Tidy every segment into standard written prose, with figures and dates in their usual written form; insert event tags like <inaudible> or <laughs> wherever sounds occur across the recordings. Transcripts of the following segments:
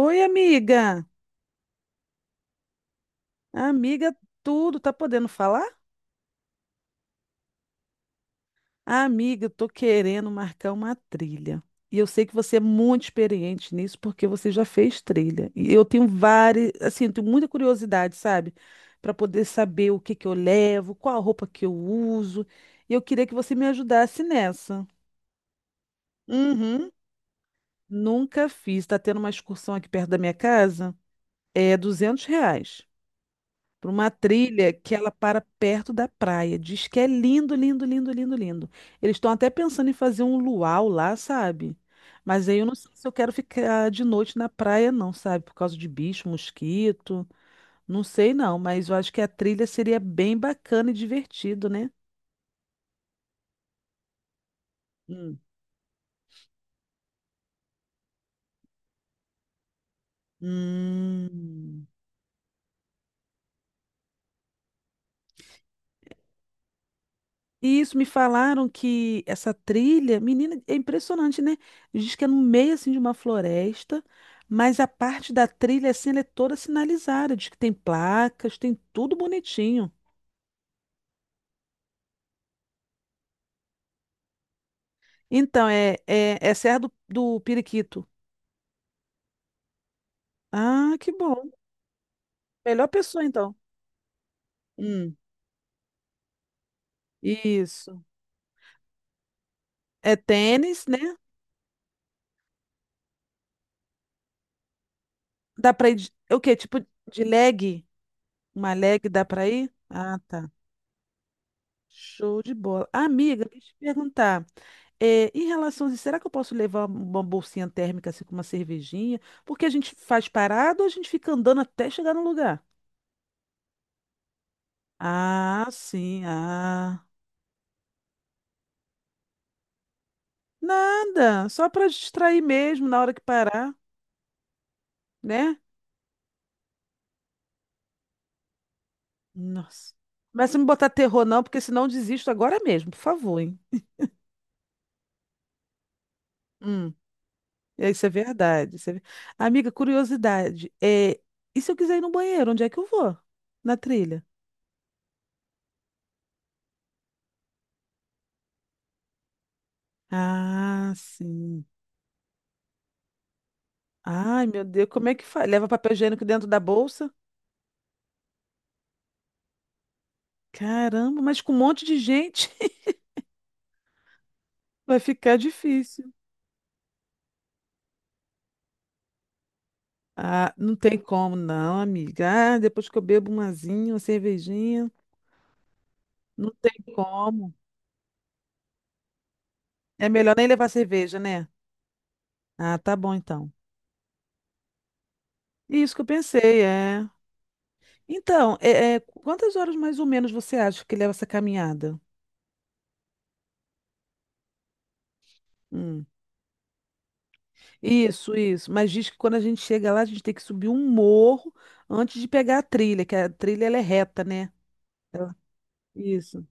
Oi, amiga. Amiga, tudo tá podendo falar? Amiga, eu tô querendo marcar uma trilha. E eu sei que você é muito experiente nisso porque você já fez trilha. E eu tenho várias, assim, eu tenho muita curiosidade, sabe? Para poder saber o que que eu levo, qual a roupa que eu uso. E eu queria que você me ajudasse nessa. Uhum. Nunca fiz. Tá tendo uma excursão aqui perto da minha casa. É R$ 200. Para uma trilha que ela para perto da praia. Diz que é lindo, lindo, lindo, lindo, lindo. Eles estão até pensando em fazer um luau lá, sabe? Mas aí eu não sei se eu quero ficar de noite na praia, não, sabe? Por causa de bicho, mosquito. Não sei, não, mas eu acho que a trilha seria bem bacana e divertido, né? Hum. Hum. E isso me falaram que essa trilha, menina, é impressionante, né? Diz que é no meio assim de uma floresta, mas a parte da trilha assim ela é toda sinalizada, diz que tem placas, tem tudo bonitinho. Então é Serra do Periquito. Ah, que bom. Melhor pessoa então. Hum, isso. É tênis, né? Dá pra ir de, é o quê? Tipo de leg? Uma leg dá pra ir? Ah, tá. Show de bola. Amiga, deixa eu te perguntar. É, em relação a isso, será que eu posso levar uma bolsinha térmica assim com uma cervejinha? Porque a gente faz parado ou a gente fica andando até chegar no lugar? Ah, sim, ah. Nada, só para distrair mesmo na hora que parar, né? Nossa. Mas se me botar terror não, porque senão eu desisto agora mesmo, por favor, hein? Hum, é, isso é verdade. Amiga, curiosidade. E se eu quiser ir no banheiro, onde é que eu vou? Na trilha? Ah, sim. Ai, meu Deus, como é que faz? Leva papel higiênico dentro da bolsa? Caramba, mas com um monte de gente <laughs> vai ficar difícil. Ah, não tem como, não, amiga. Ah, depois que eu bebo um azinho, uma cervejinha, não tem como. É melhor nem levar cerveja, né? Ah, tá bom então. Isso que eu pensei, é. Então, quantas horas mais ou menos você acha que leva essa caminhada? Hum. Isso, isso. Mas diz que quando a gente chega lá, a gente tem que subir um morro antes de pegar a trilha, que a trilha ela é reta, né? Isso.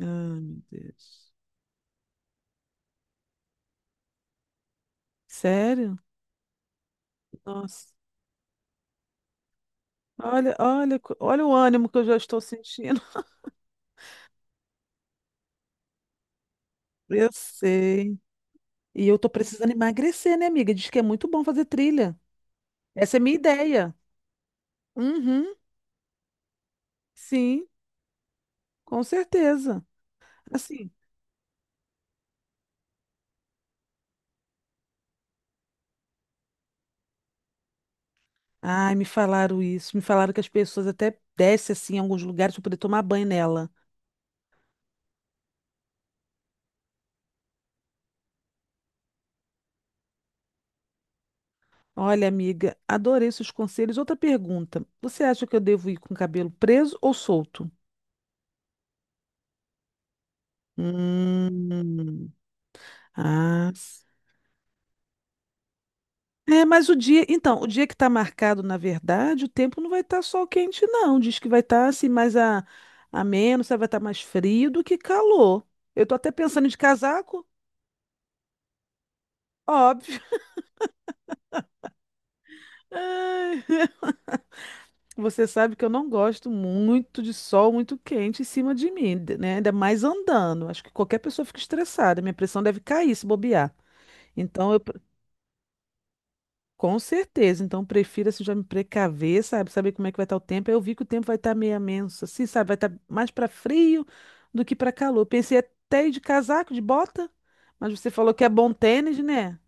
Ai, meu Deus. Sério? Nossa. Olha, olha, olha o ânimo que eu já estou sentindo. <laughs> Eu sei. E eu tô precisando emagrecer, né, amiga? Diz que é muito bom fazer trilha. Essa é minha ideia. Uhum. Sim, com certeza. Assim. Ai, me falaram isso. Me falaram que as pessoas até descem assim em alguns lugares para poder tomar banho nela. Olha, amiga, adorei seus conselhos. Outra pergunta. Você acha que eu devo ir com o cabelo preso ou solto? Hum. Ah, s- é, mas o dia, então, o dia que está marcado, na verdade, o tempo não vai estar sol quente, não. Diz que vai estar assim mais a, ameno, sabe, vai estar mais frio do que calor. Eu tô até pensando de casaco, óbvio. <laughs> Ai, você sabe que eu não gosto muito de sol muito quente em cima de mim, né? Ainda mais andando. Acho que qualquer pessoa fica estressada. Minha pressão deve cair se bobear. Então eu Com certeza, então prefiro assim já me precaver, sabe? Saber como é que vai estar o tempo. Aí eu vi que o tempo vai estar meio ameno, assim, sabe? Vai estar mais para frio do que para calor. Pensei até ir de casaco, de bota, mas você falou que é bom tênis, né?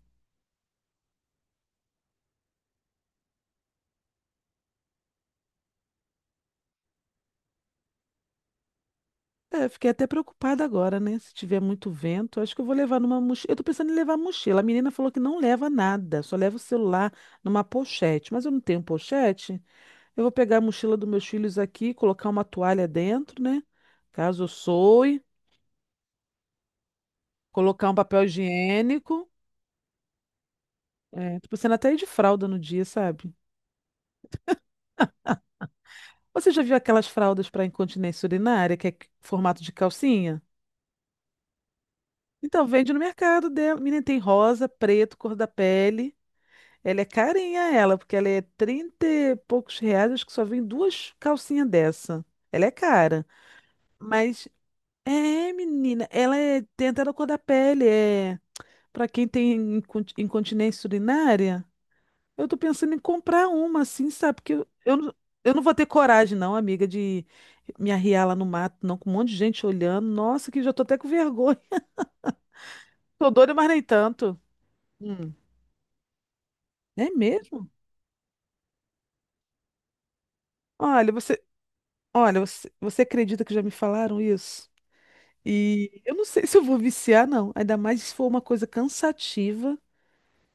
É, eu fiquei até preocupada agora, né? Se tiver muito vento, acho que eu vou levar numa mochila. Eu tô pensando em levar mochila. A menina falou que não leva nada, só leva o celular numa pochete. Mas eu não tenho pochete. Eu vou pegar a mochila dos meus filhos aqui, colocar uma toalha dentro, né? Caso eu soe. Colocar um papel higiênico. É, tô pensando até ir de fralda no dia, sabe? Você já viu aquelas fraldas para incontinência urinária, que é formato de calcinha? Então, vende no mercado dela. Menina, tem rosa, preto, cor da pele. Ela é carinha, ela, porque ela é 30 e poucos reais, acho que só vem duas calcinhas dessa. Ela é cara. Mas, é, menina, ela é, tem até na cor da pele, é. Para quem tem incontinência urinária, eu tô pensando em comprar uma, assim, sabe? Porque eu não vou ter coragem, não, amiga, de me arriar lá no mato, não, com um monte de gente olhando. Nossa, que já tô até com vergonha. <laughs> Tô doida, mas nem tanto. Hum. É mesmo? Olha, você, olha, você, você acredita que já me falaram isso? E eu não sei <laughs> se eu vou viciar, não. Ainda mais se for uma coisa cansativa,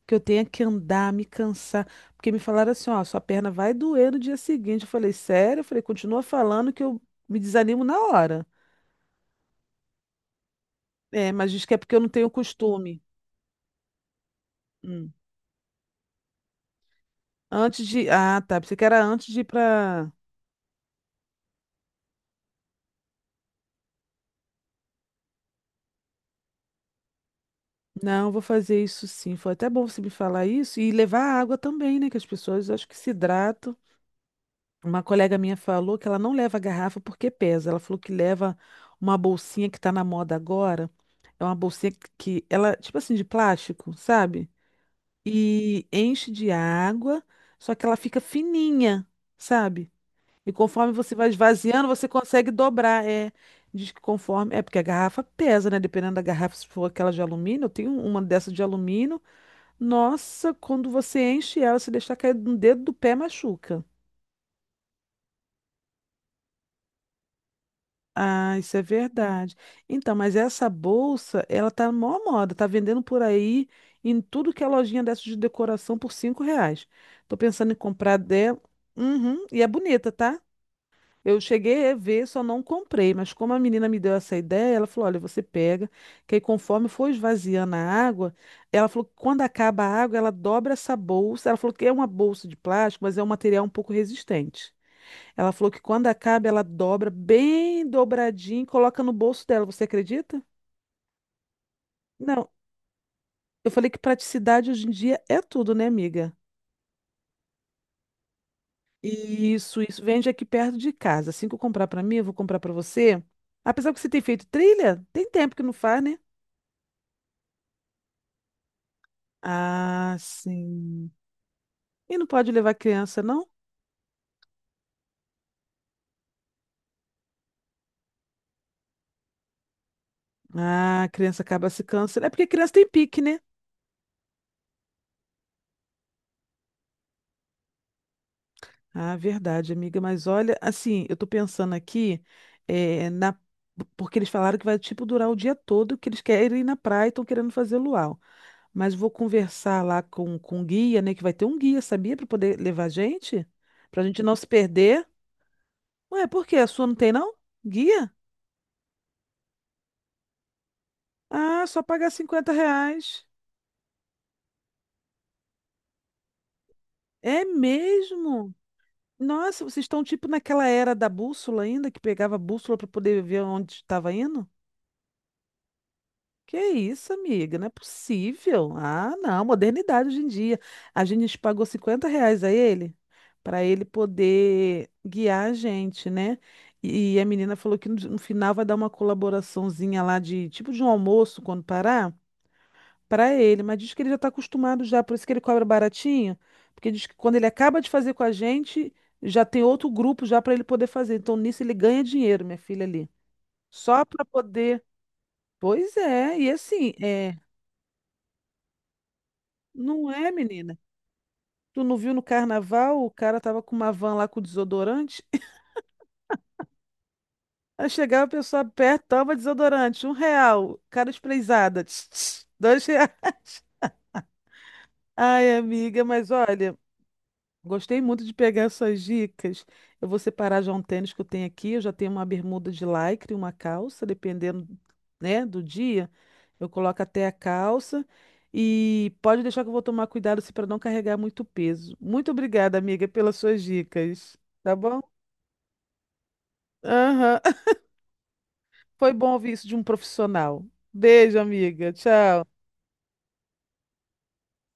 que eu tenha que andar, me cansar. Porque me falaram assim, ó, sua perna vai doer no dia seguinte. Eu falei, sério? Eu falei, continua falando que eu me desanimo na hora. É, mas diz que é porque eu não tenho costume. Hum. Antes de. Ah, tá. Pensei que era antes de ir pra. Não, eu vou fazer isso sim. Foi até bom você me falar isso. E levar água também, né? Que as pessoas acho que se hidratam. Uma colega minha falou que ela não leva garrafa porque pesa. Ela falou que leva uma bolsinha que tá na moda agora. É uma bolsinha que ela, tipo assim, de plástico, sabe? E enche de água, só que ela fica fininha, sabe? E conforme você vai esvaziando, você consegue dobrar. É, diz que conforme. É porque a garrafa pesa, né? Dependendo da garrafa, se for aquela de alumínio, eu tenho uma dessa de alumínio. Nossa, quando você enche ela, se deixar cair no dedo do pé, machuca. Ah, isso é verdade. Então, mas essa bolsa, ela tá mó moda, tá vendendo por aí em tudo que é lojinha dessa de decoração por R$ 5. Tô pensando em comprar dela. Uhum, e é bonita, tá? Eu cheguei a ver, só não comprei, mas como a menina me deu essa ideia, ela falou: olha, você pega, que aí conforme for esvaziando a água, ela falou que quando acaba a água, ela dobra essa bolsa. Ela falou que é uma bolsa de plástico, mas é um material um pouco resistente. Ela falou que quando acaba, ela dobra bem dobradinho e coloca no bolso dela. Você acredita? Não, eu falei que praticidade hoje em dia é tudo, né, amiga? Isso, isso. Vende aqui perto de casa. Assim que eu comprar pra mim, eu vou comprar pra você. Apesar que você tem feito trilha, tem tempo que não faz, né? Ah, sim. E não pode levar criança, não? Ah, a criança acaba se cansando. É porque criança tem pique, né? Ah, verdade, amiga. Mas olha, assim, eu tô pensando aqui, eh, na... porque eles falaram que vai, tipo, durar o dia todo, que eles querem ir na praia e estão querendo fazer luau. Mas vou conversar lá com o guia, né? Que vai ter um guia, sabia? Pra poder levar a gente? Pra gente não se perder. Ué, por quê? A sua não tem, não? Guia? Ah, só pagar R$ 50. É mesmo? Nossa, vocês estão tipo naquela era da bússola ainda, que pegava a bússola para poder ver onde estava indo? Que isso, amiga? Não é possível. Ah, não, modernidade hoje em dia. A gente pagou R$ 50 a ele para ele poder guiar a gente, né? E a menina falou que no final vai dar uma colaboraçãozinha lá de tipo de um almoço quando parar para ele, mas diz que ele já está acostumado já, por isso que ele cobra baratinho, porque diz que quando ele acaba de fazer com a gente, já tem outro grupo já para ele poder fazer. Então nisso ele ganha dinheiro, minha filha ali. Só para poder. Pois é, e assim, é, não é, menina. Tu não viu no carnaval, o cara tava com uma van lá com desodorante. <laughs> Aí chegava a pessoa perto, toma desodorante, R$ 1, cara esprezada, <tsk> tss, <laughs> R$ 2. Ai, amiga, mas olha. Gostei muito de pegar essas dicas. Eu vou separar já um tênis que eu tenho aqui. Eu já tenho uma bermuda de lycra e uma calça, dependendo, né, do dia. Eu coloco até a calça. E pode deixar que eu vou tomar cuidado assim, para não carregar muito peso. Muito obrigada, amiga, pelas suas dicas. Tá bom? Aham. <laughs> Foi bom ouvir isso de um profissional. Beijo, amiga. Tchau.